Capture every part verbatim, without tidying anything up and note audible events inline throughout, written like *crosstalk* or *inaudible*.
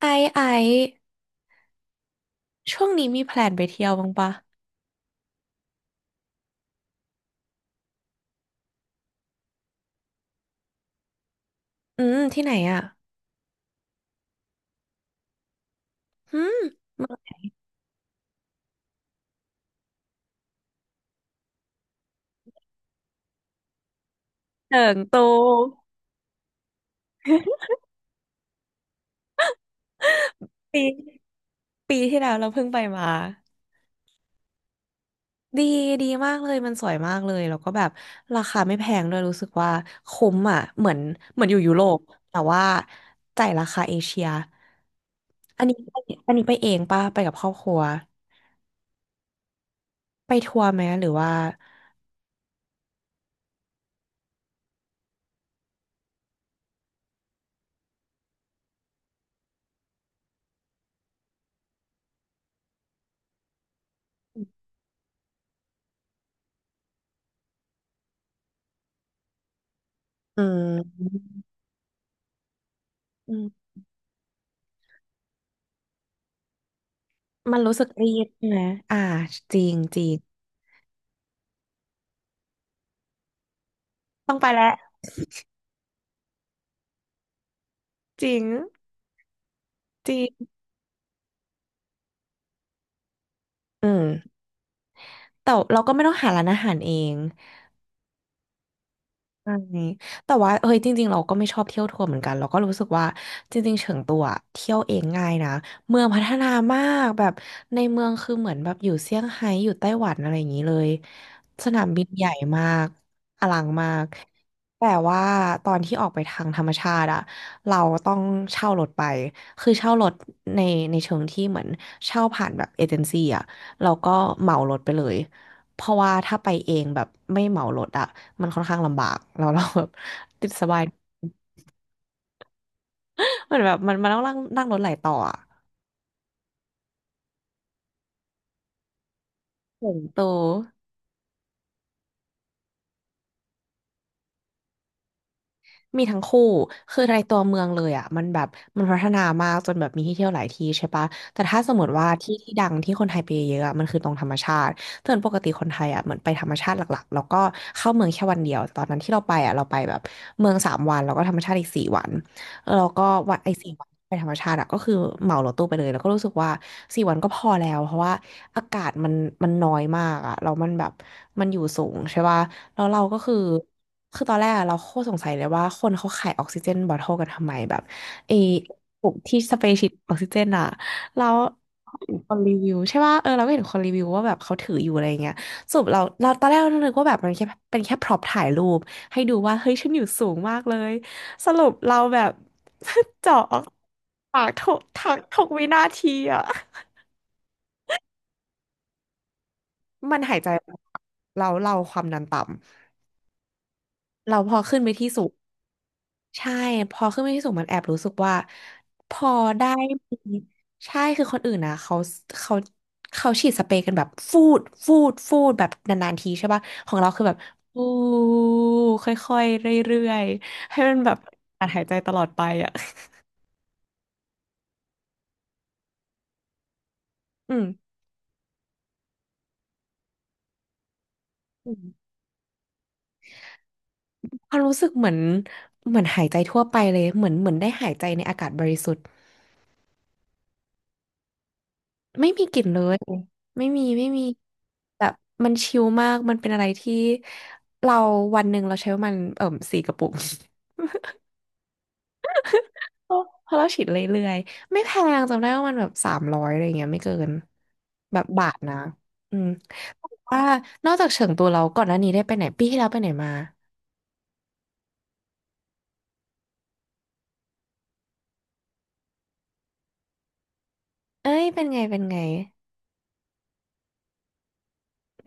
ไอซ์ไอซ์ช่วงนี้มีแพลนไปเที่ยวบ้างปะอืมที่ไหนอ่ะอืมเถิงตูปีปีที่แล้วเราเพิ่งไปมาดีดีมากเลยมันสวยมากเลยแล้วก็แบบราคาไม่แพงด้วยรู้สึกว่าคุ้มอ่ะเหมือนเหมือนอยู่ยุโรปแต่ว่าจ่ายราคาเอเชียอันนี้อันนี้ไปเองปะไปกับครอบครัวไปทัวร์ไหมหรือว่าอืมอืมมันรู้สึกรีบใช่ไหมอ่าจริงจริงต้องไปแล้วจริง จริงอืมแต่เราก็ไม่ต้องหาร้านอาหารเองใช่แต่ว่าเฮ้ยจริงๆเราก็ไม่ชอบเที่ยวทัวร์เหมือนกันเราก็รู้สึกว่าจริงๆเฉิงตัวอะเที่ยวเองง่ายนะเมืองพัฒนามากแบบในเมืองคือเหมือนแบบอยู่เซี่ยงไฮ้อยู่ไต้หวันอะไรอย่างนี้เลยสนามบินใหญ่มากอลังมากแต่ว่าตอนที่ออกไปทางธรรมชาติอะเราต้องเช่ารถไปคือเช่ารถในในเชิงที่เหมือนเช่าผ่านแบบเอเจนซี่อะเราก็เหมารถไปเลย เพราะว่าถ้าไปเองแบบไม่เหมารถอะมันค่อนข้างลำบากแล้วเราแบบ *laughs* ติดสบาย *laughs* เหมือนแบบมันมันต้องนั่งนั่งรถหลายต่ออะโตว มีทั้งคู่ คือในตัวเมืองเลยอ่ะมันแบบมันพัฒนามากจนแบบมีที่เที่ยวหลายที่ใช่ปะแต่ถ้าสมมติว่าที่ที่ดังที่คนไทยไปเยอะอะมันคือตรงธรรมชาติแต่ปกติคนไทยอ่ะเหมือนไปธรรมชาติหลักๆแล้วก็เข้าเมืองแค่วันเดียวตอนนั้นที่เราไปอ่ะเราไปแบบเมืองสามวันแล้วก็ธรรมชาติอีกสี่วันแล้วก็วันไอ้สี่วันไปธรรมชาติอะก็คือเหมารถตู้ไปเลยแล้วก็รู้สึกว่าสี่วันก็พอแล้วเพราะว่าอากาศมันมันน้อยมากอะแล้วมันแบบมันอยู่สูงใช่ปะ แล้วเราก็คือ คือตอนแรกอะเราโคตรสงสัยเลยว่าคนเขาขายออกซิเจนบอทเทิลกันทำไมแบบไอ้ปุกที่สเปรย์ฉีดออกซิเจนอะแล้วเห็นคนรีวิวใช่ป่ะเออเราก็เห็นคนรีวิวว่าแบบเขาถืออยู่อะไรเงี้ยสรุปเราเราตอนแรกเรานึกว่าแบบมันแค่เป็นแค่พร็อพถ่ายรูปให้ดูว่าเฮ้ยฉันอยู่สูงมากเลย สรุปเราแบบ *laughs* เจาะออกปากทุกทักทุกวินาทีอะมันหายใจเราเราความดันต่ำเราพอขึ้นไปที่สูง ใช่พอขึ้นไปที่สูงมันแอบรู้สึกว่าพอได้มีใช่คือคนอื่นนะเขาเขาเขาฉีดสเปรย์กันแบบฟูดฟูดฟูดแบบนานๆทีใช่ป่ะของเราคือแบบฟูค่อยๆเรื่อยๆให้มันแบบการหายใจตลอดไปอ่ะอืมอืมความรู้สึกเหมือนเหมือนหายใจทั่วไปเลยเหมือนเหมือนได้หายใจในอากาศบริสุทธิ์ ไม่มีกลิ่นเลยไม่มีไม่มีแบบมันชิลมาก มันเป็นอะไรที่เราวันหนึ่งเราใช้ประมันเอ่มสี่กระปุก *laughs* เพราะเราฉีดเรื่อยๆไม่แพงจำได้ว่ามันแบบสามร้อยอะไรอย่างเงี้ยไม่เกินแบบบาทนะอืมแต่ว่านอกจากเฉิงตูเราก่อนหน้านี้ได้ไปไหนปีที่แล้วไปไหนมาเอ้ยเป็นไงเป็นไง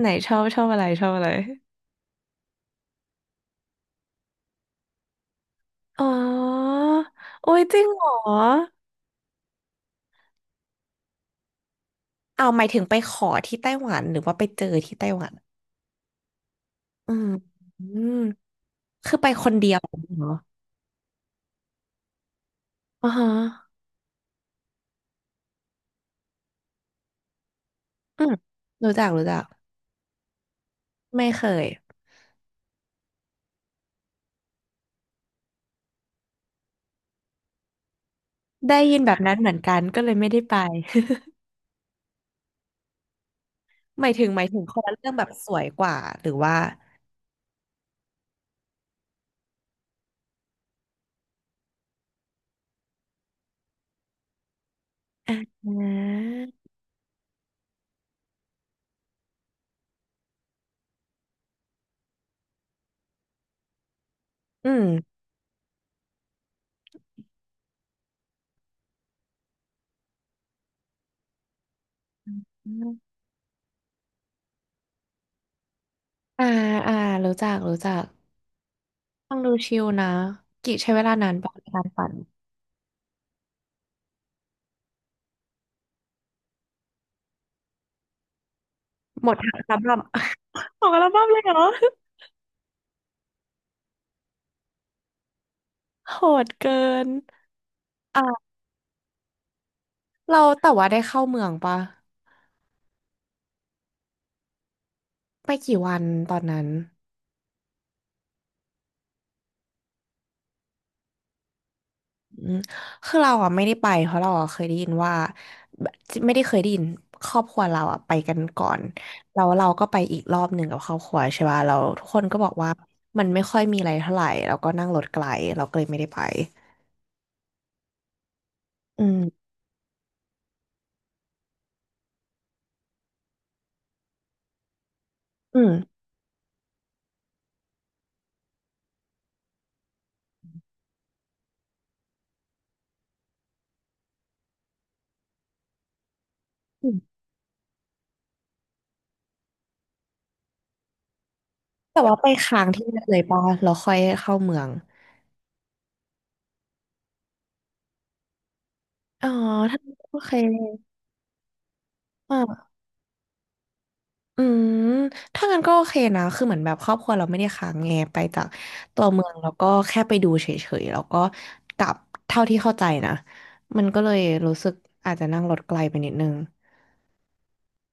ไหนชอบชอบอะไรชอบอะไร อ๋อโอ้ยจริงเหรอเอาหมายถึงไปขอที่ไต้หวันหรือว่าไปเจอที่ไต้หวัน อืมอืมคือไปคนเดียวเหรออ๋อฮะอืมรู้จักรู้จักไม่เคยได้ยินแบบนั้นเหมือนกันก็เลยไม่ได้ไป *laughs* หมายถึงหมายถึงคนละเรื่องแบบสวยกว่าหรือว่าอ่าอืมอมอ่าอ่ารู้จักรู้จักฟังดูชิลนะกิใช้เวลานานปะในการปั่นหมดทั้งอัลบั้ม *laughs* หมดอัลบั้มเลยเหรอโหดเกินอ่าเราแต่ว่าได้เข้าเมืองปะไปกี่วันตอนนั้น อืมคือเราอ่ะไม่ได้ไปเพราะเราอ่ะเคยได้ยินว่าไม่ได้เคยได้ยินครอบครัวเราอ่ะไปกันก่อนแล้วเราก็ไปอีกรอบหนึ่งกับครอบครัวใช่ป่ะเราทุกคนก็บอกว่ามันไม่ค่อยมีอะไรเท่าไหร่เราก็นั่งรถไกลเราก็เลยไม่ได้ไปอืมอืมอืมแต่ว่าไปค้างที่นั่นเลยป่ะเราค่อยเข้าเมืองอ๋อถ้าโอเค อืมถ้างั้นก็โอเคนะคือเหมือนแบบครอบครัวเราไม่ได้ค้างไงไปจากตัวเมืองแล้วก็แค่ไปดูเฉยๆแล้วก็กลับเท่าที่เข้าใจนะมันก็เลยรู้สึกอาจจะนั่งรถไกลไปนิดนึง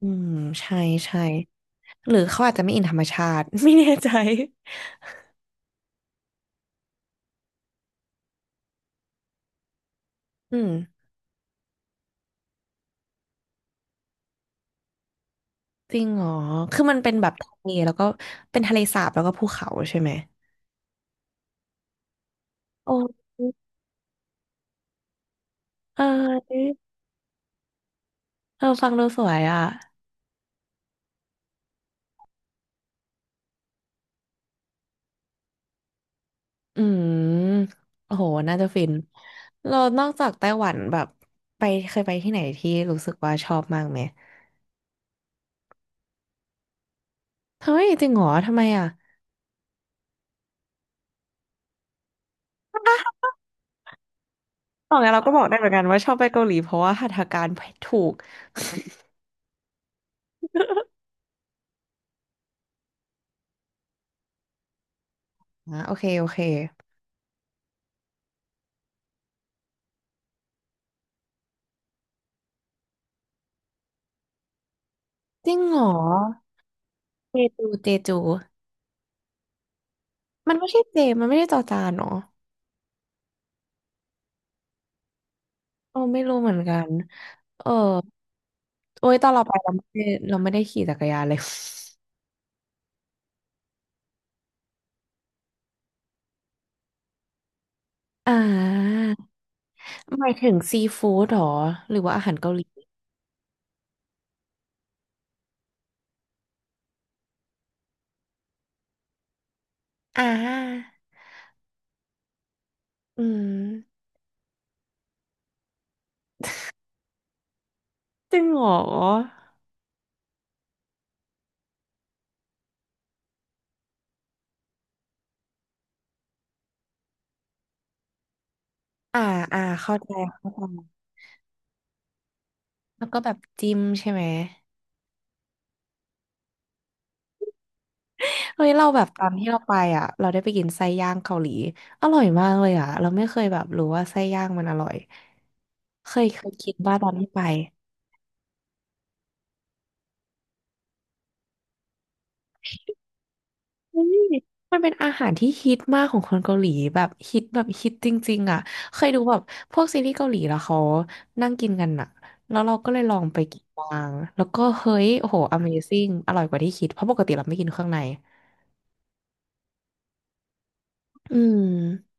อืมใช่ใช่หรือเขาอาจจะไม่อินธรรมชาติ *laughs* ไม่แน่ใจอืมจริงเหรอคือมันเป็นแบบทะเลแล้วก็เป็นทะเลสาบแล้วก็ภูเขาใช่ไหมโอ้เออเออฟังดูสวยอ่ะ อืมโอ้โหน่าจะฟินเรานอกจากไต้หวันแบบไปเคยไปที่ไหนที่รู้สึกว่าชอบมากไหมเฮ้ยจริงเหรอทำไมอ่ะตอนนี้นเราก็บอกได้เหมือนกันว่าชอบไปเกาหลีเพราะว่าหัตถการถูกอ่ะโอเคโอเคจริงเหรอเจจูเจจูมันไม่ใช่เจมันไม่ได้จอจานเนาะเออไม่รู้เหมือนกันเออโอ้ยตอนเราไปเราไม่ได้เราไม่ได้ขี่จักรยานเลย *laughs* อ่าหมายถึงซีฟู้ดเหรอหรือว่าอาหารเกาหลีอ่า อืมจริงเหรออ่าอ่าเข้าใจเข้าใจแล้วก็แบบจิ้มใช่ไหมเฮ้ยเราแบบตอนที่เราไปอ่ะเราได้ไปกินไส้ย่างเกาหลีอร่อยมากเลยอ่ะเราไม่เคยแบบรู้ว่าไส้ย่างมันอร่อยเคยเคยคิดว่าตอนที่ไปเฮ้ยมันเป็นอาหารที่ฮิตมากของคนเกาหลีแบบฮิตแบบฮิตจริงๆอ่ะเคยดูแบบพวกซีรีส์เกาหลีแล้วเขานั่งกินกันอ่ะแล้วเราก็เลยลองไปกินบ้างแล้วก็เฮ้ยโอ้โห Amazing อร่อยกว่าที่คิดเพราะปกติเราไม่กินเครื่องใน อืม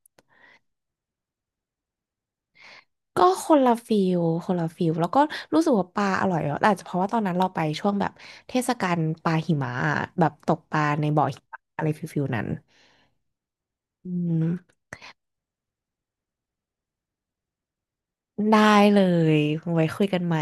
ก็คนละฟิลคนละฟิลแล้วก็รู้สึกว่าปลาอร่อยอ่ะแต่อาจจะเพราะว่าตอนนั้นเราไปช่วงแบบเทศกาลปลาหิมะอะแบบตกปลาในบ่อหิมะอะไรฟิลฟิลนั้นอืมได้เลยไว้คุยกันใหม่